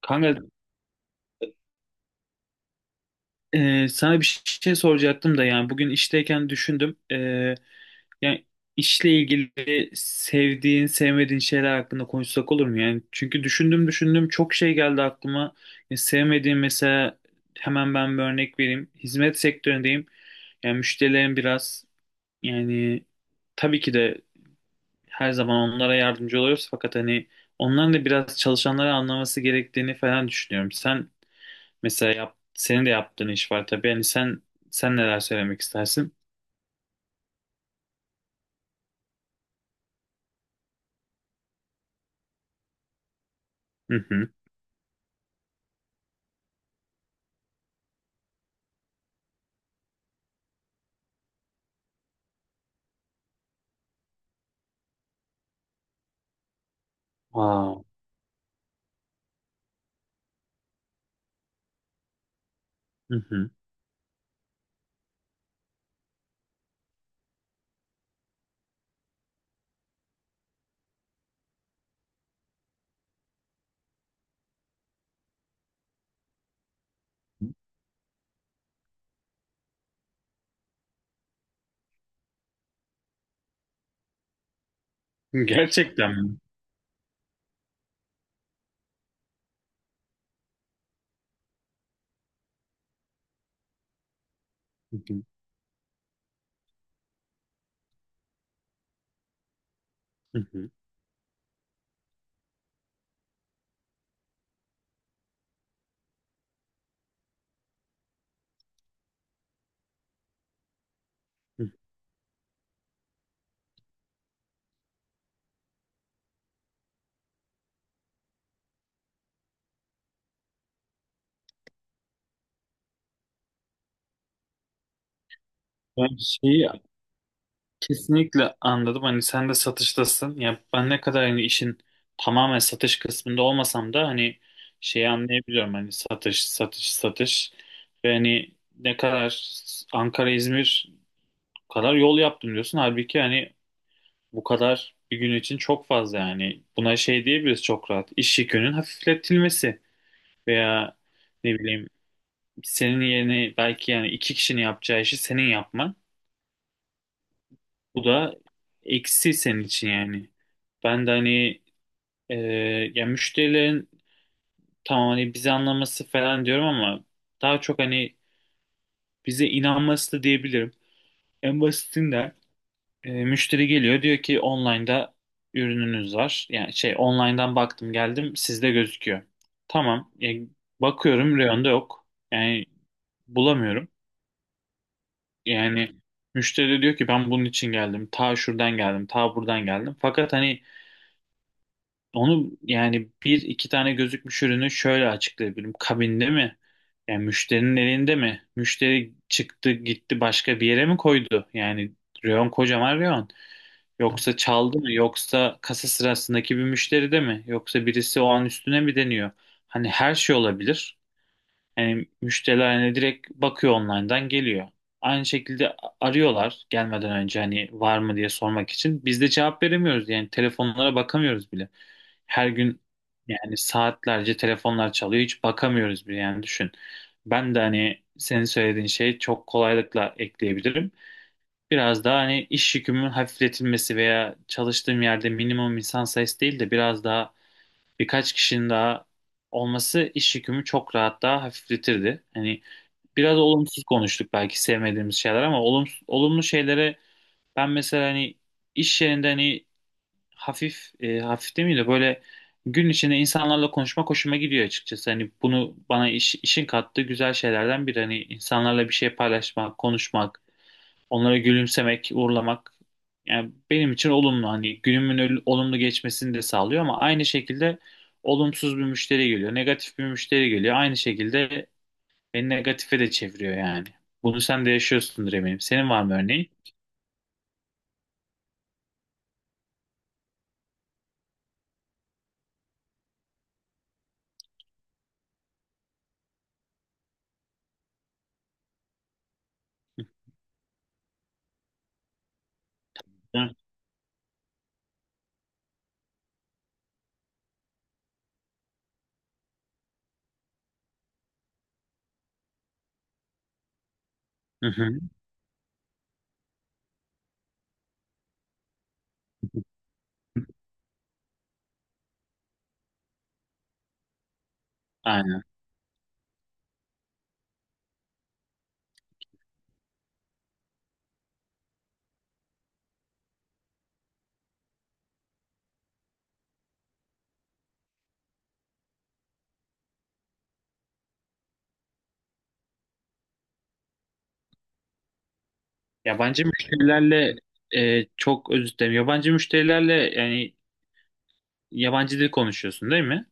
Kanka sana bir şey soracaktım da yani bugün işteyken düşündüm. Yani işle ilgili sevdiğin, sevmediğin şeyler hakkında konuşsak olur mu? Yani çünkü düşündüm düşündüm çok şey geldi aklıma. Sevmediğim mesela hemen ben bir örnek vereyim. Hizmet sektöründeyim. Yani müşterilerim biraz, yani tabii ki de her zaman onlara yardımcı oluyoruz fakat hani onların da biraz çalışanları anlaması gerektiğini falan düşünüyorum. Mesela yap, senin de yaptığın iş var tabii. Yani sen neler söylemek istersin? Hı hı. Aa, hı hı. Gerçekten mi? Hı hı. Hı hı. Hı hı. Ben şeyi kesinlikle anladım. Hani sen de satıştasın. Ya ben ne kadar hani işin tamamen satış kısmında olmasam da hani şeyi anlayabiliyorum. Hani satış, satış, satış. Ve hani ne kadar Ankara, İzmir kadar yol yaptım diyorsun. Halbuki hani bu kadar bir gün için çok fazla yani. Buna şey diyebiliriz çok rahat. İş yükünün hafifletilmesi veya ne bileyim senin yerine belki yani iki kişinin yapacağı işi senin yapman. Bu da eksi senin için yani. Ben de hani, e, ya müşterilerin tamam hani bizi anlaması falan diyorum ama daha çok hani bize inanması da diyebilirim. En basitinden müşteri geliyor diyor ki online'da ürününüz var. Yani şey online'dan baktım geldim sizde gözüküyor. Tamam. Bakıyorum reyonda yok. Yani bulamıyorum. Yani müşteri de diyor ki ben bunun için geldim. Ta şuradan geldim. Ta buradan geldim. Fakat hani onu yani bir iki tane gözükmüş ürünü şöyle açıklayabilirim. Kabinde mi? Yani müşterinin elinde mi? Müşteri çıktı gitti başka bir yere mi koydu? Yani reyon, kocaman reyon. Yoksa çaldı mı? Yoksa kasa sırasındaki bir müşteri de mi? Yoksa birisi o an üstüne mi deniyor? Hani her şey olabilir. Yani müşteriler hani direkt bakıyor, online'dan geliyor. Aynı şekilde arıyorlar gelmeden önce hani var mı diye sormak için. Biz de cevap veremiyoruz, yani telefonlara bakamıyoruz bile. Her gün yani saatlerce telefonlar çalıyor, hiç bakamıyoruz bile yani, düşün. Ben de hani senin söylediğin şeyi çok kolaylıkla ekleyebilirim. Biraz daha hani iş yükümün hafifletilmesi veya çalıştığım yerde minimum insan sayısı değil de biraz daha birkaç kişinin daha olması iş yükümü çok rahat daha hafifletirdi. Hani biraz olumsuz konuştuk belki, sevmediğimiz şeyler, ama olumsuz, olumlu şeylere ben mesela hani iş yerinde hani hafif demeyeyim de böyle gün içinde insanlarla konuşmak hoşuma gidiyor açıkçası. Hani bunu bana işin kattığı güzel şeylerden biri. Hani insanlarla bir şey paylaşmak, konuşmak, onlara gülümsemek, uğurlamak yani benim için olumlu, hani günümün olumlu geçmesini de sağlıyor, ama aynı şekilde olumsuz bir müşteri geliyor, negatif bir müşteri geliyor. Aynı şekilde beni negatife de çeviriyor yani. Bunu sen de yaşıyorsundur eminim. Senin var mı örneğin? Hı hı. Aynen. Yabancı müşterilerle çok özür dilerim. Yabancı müşterilerle yani yabancı dil konuşuyorsun değil mi?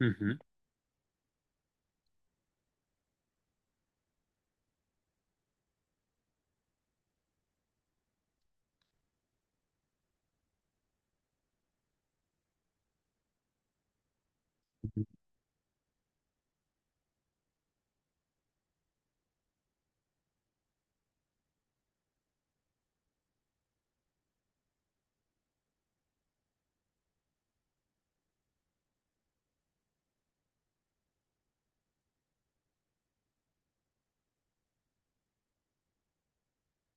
Hı hı.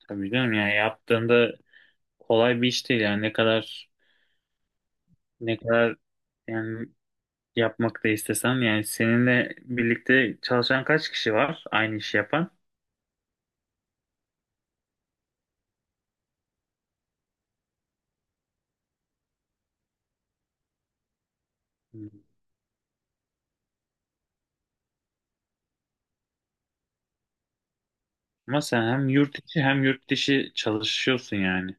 Tabii canım, yani yaptığında kolay bir iş değil yani, ne kadar, ne kadar yani, yapmak da istesem yani, seninle birlikte çalışan kaç kişi var aynı işi yapan? Hmm. Ama sen hem yurt içi hem yurt dışı çalışıyorsun yani.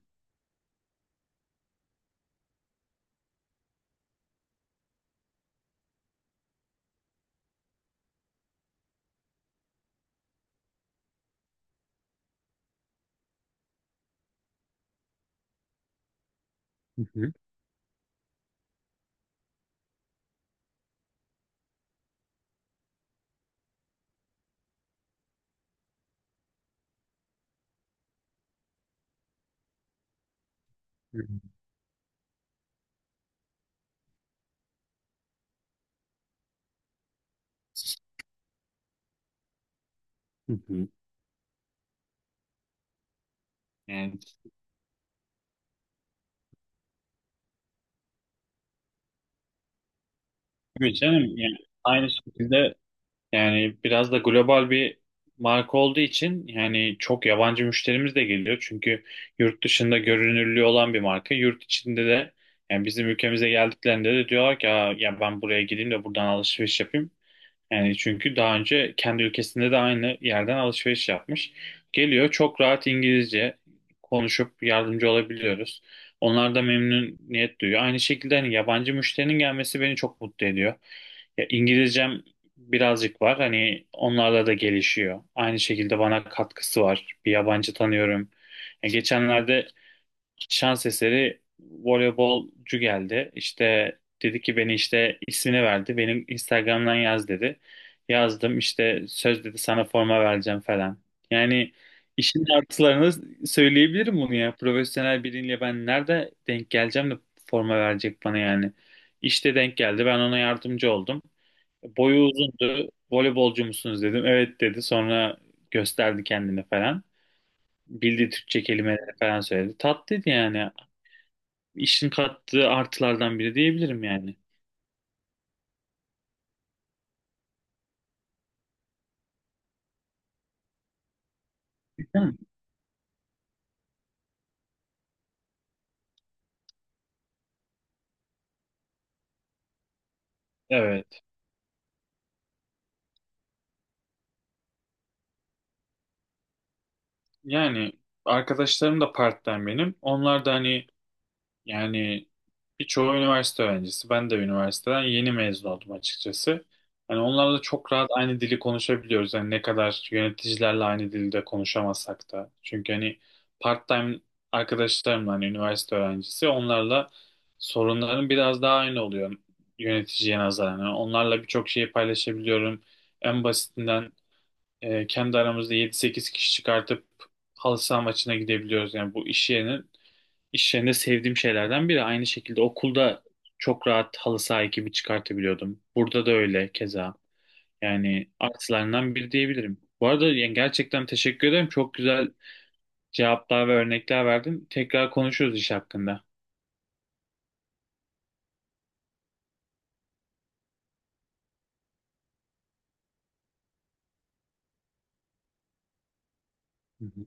Hı hı. Hı hı. Hı hı. Yani tabii canım yani aynı şekilde, yani biraz da global bir marka olduğu için yani çok yabancı müşterimiz de geliyor. Çünkü yurt dışında görünürlüğü olan bir marka. Yurt içinde de yani bizim ülkemize geldiklerinde de diyorlar ki "Aa, ya ben buraya gideyim de buradan alışveriş yapayım." Yani çünkü daha önce kendi ülkesinde de aynı yerden alışveriş yapmış. Geliyor, çok rahat İngilizce konuşup yardımcı olabiliyoruz. Onlar da memnuniyet duyuyor. Aynı şekilde hani yabancı müşterinin gelmesi beni çok mutlu ediyor. Ya İngilizcem birazcık var. Hani onlarla da gelişiyor. Aynı şekilde bana katkısı var. Bir yabancı tanıyorum. Ya geçenlerde şans eseri voleybolcu geldi. İşte dedi ki, beni işte ismini verdi. Benim Instagram'dan yaz dedi. Yazdım, işte söz dedi, sana forma vereceğim falan. Yani işin artılarını söyleyebilirim bunu ya. Profesyonel biriyle ben nerede denk geleceğim de forma verecek bana yani. İşte denk geldi. Ben ona yardımcı oldum. Boyu uzundu. Voleybolcu musunuz dedim. Evet dedi. Sonra gösterdi kendini falan. Bildiği Türkçe kelimeleri falan söyledi. Tatlıydı yani, işin kattığı artılardan biri diyebilirim yani. Değil Evet. Yani arkadaşlarım da part-time benim. Onlar da hani, yani birçoğu üniversite öğrencisi. Ben de üniversiteden yeni mezun oldum açıkçası. Hani onlarla çok rahat aynı dili konuşabiliyoruz. Yani ne kadar yöneticilerle aynı dilde konuşamasak da. Çünkü hani part-time arkadaşlarımla hani üniversite öğrencisi, onlarla sorunların biraz daha aynı oluyor yöneticiye nazaran. Yani onlarla birçok şeyi paylaşabiliyorum. En basitinden kendi aramızda yedi sekiz kişi çıkartıp halı saha maçına gidebiliyoruz. Yani bu iş yerinin, İş yerinde sevdiğim şeylerden biri. Aynı şekilde okulda çok rahat halı saha ekibi çıkartabiliyordum. Burada da öyle keza. Yani artılarından biri diyebilirim. Bu arada yani gerçekten teşekkür ederim. Çok güzel cevaplar ve örnekler verdin. Tekrar konuşuruz iş hakkında. Hı hı.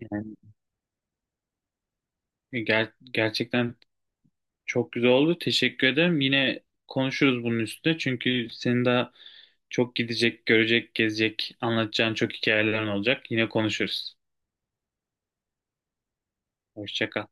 Yani gerçekten çok güzel oldu. Teşekkür ederim. Yine konuşuruz bunun üstüne. Çünkü senin daha çok gidecek, görecek, gezecek, anlatacağın çok hikayelerin olacak. Yine konuşuruz. Hoşça kal.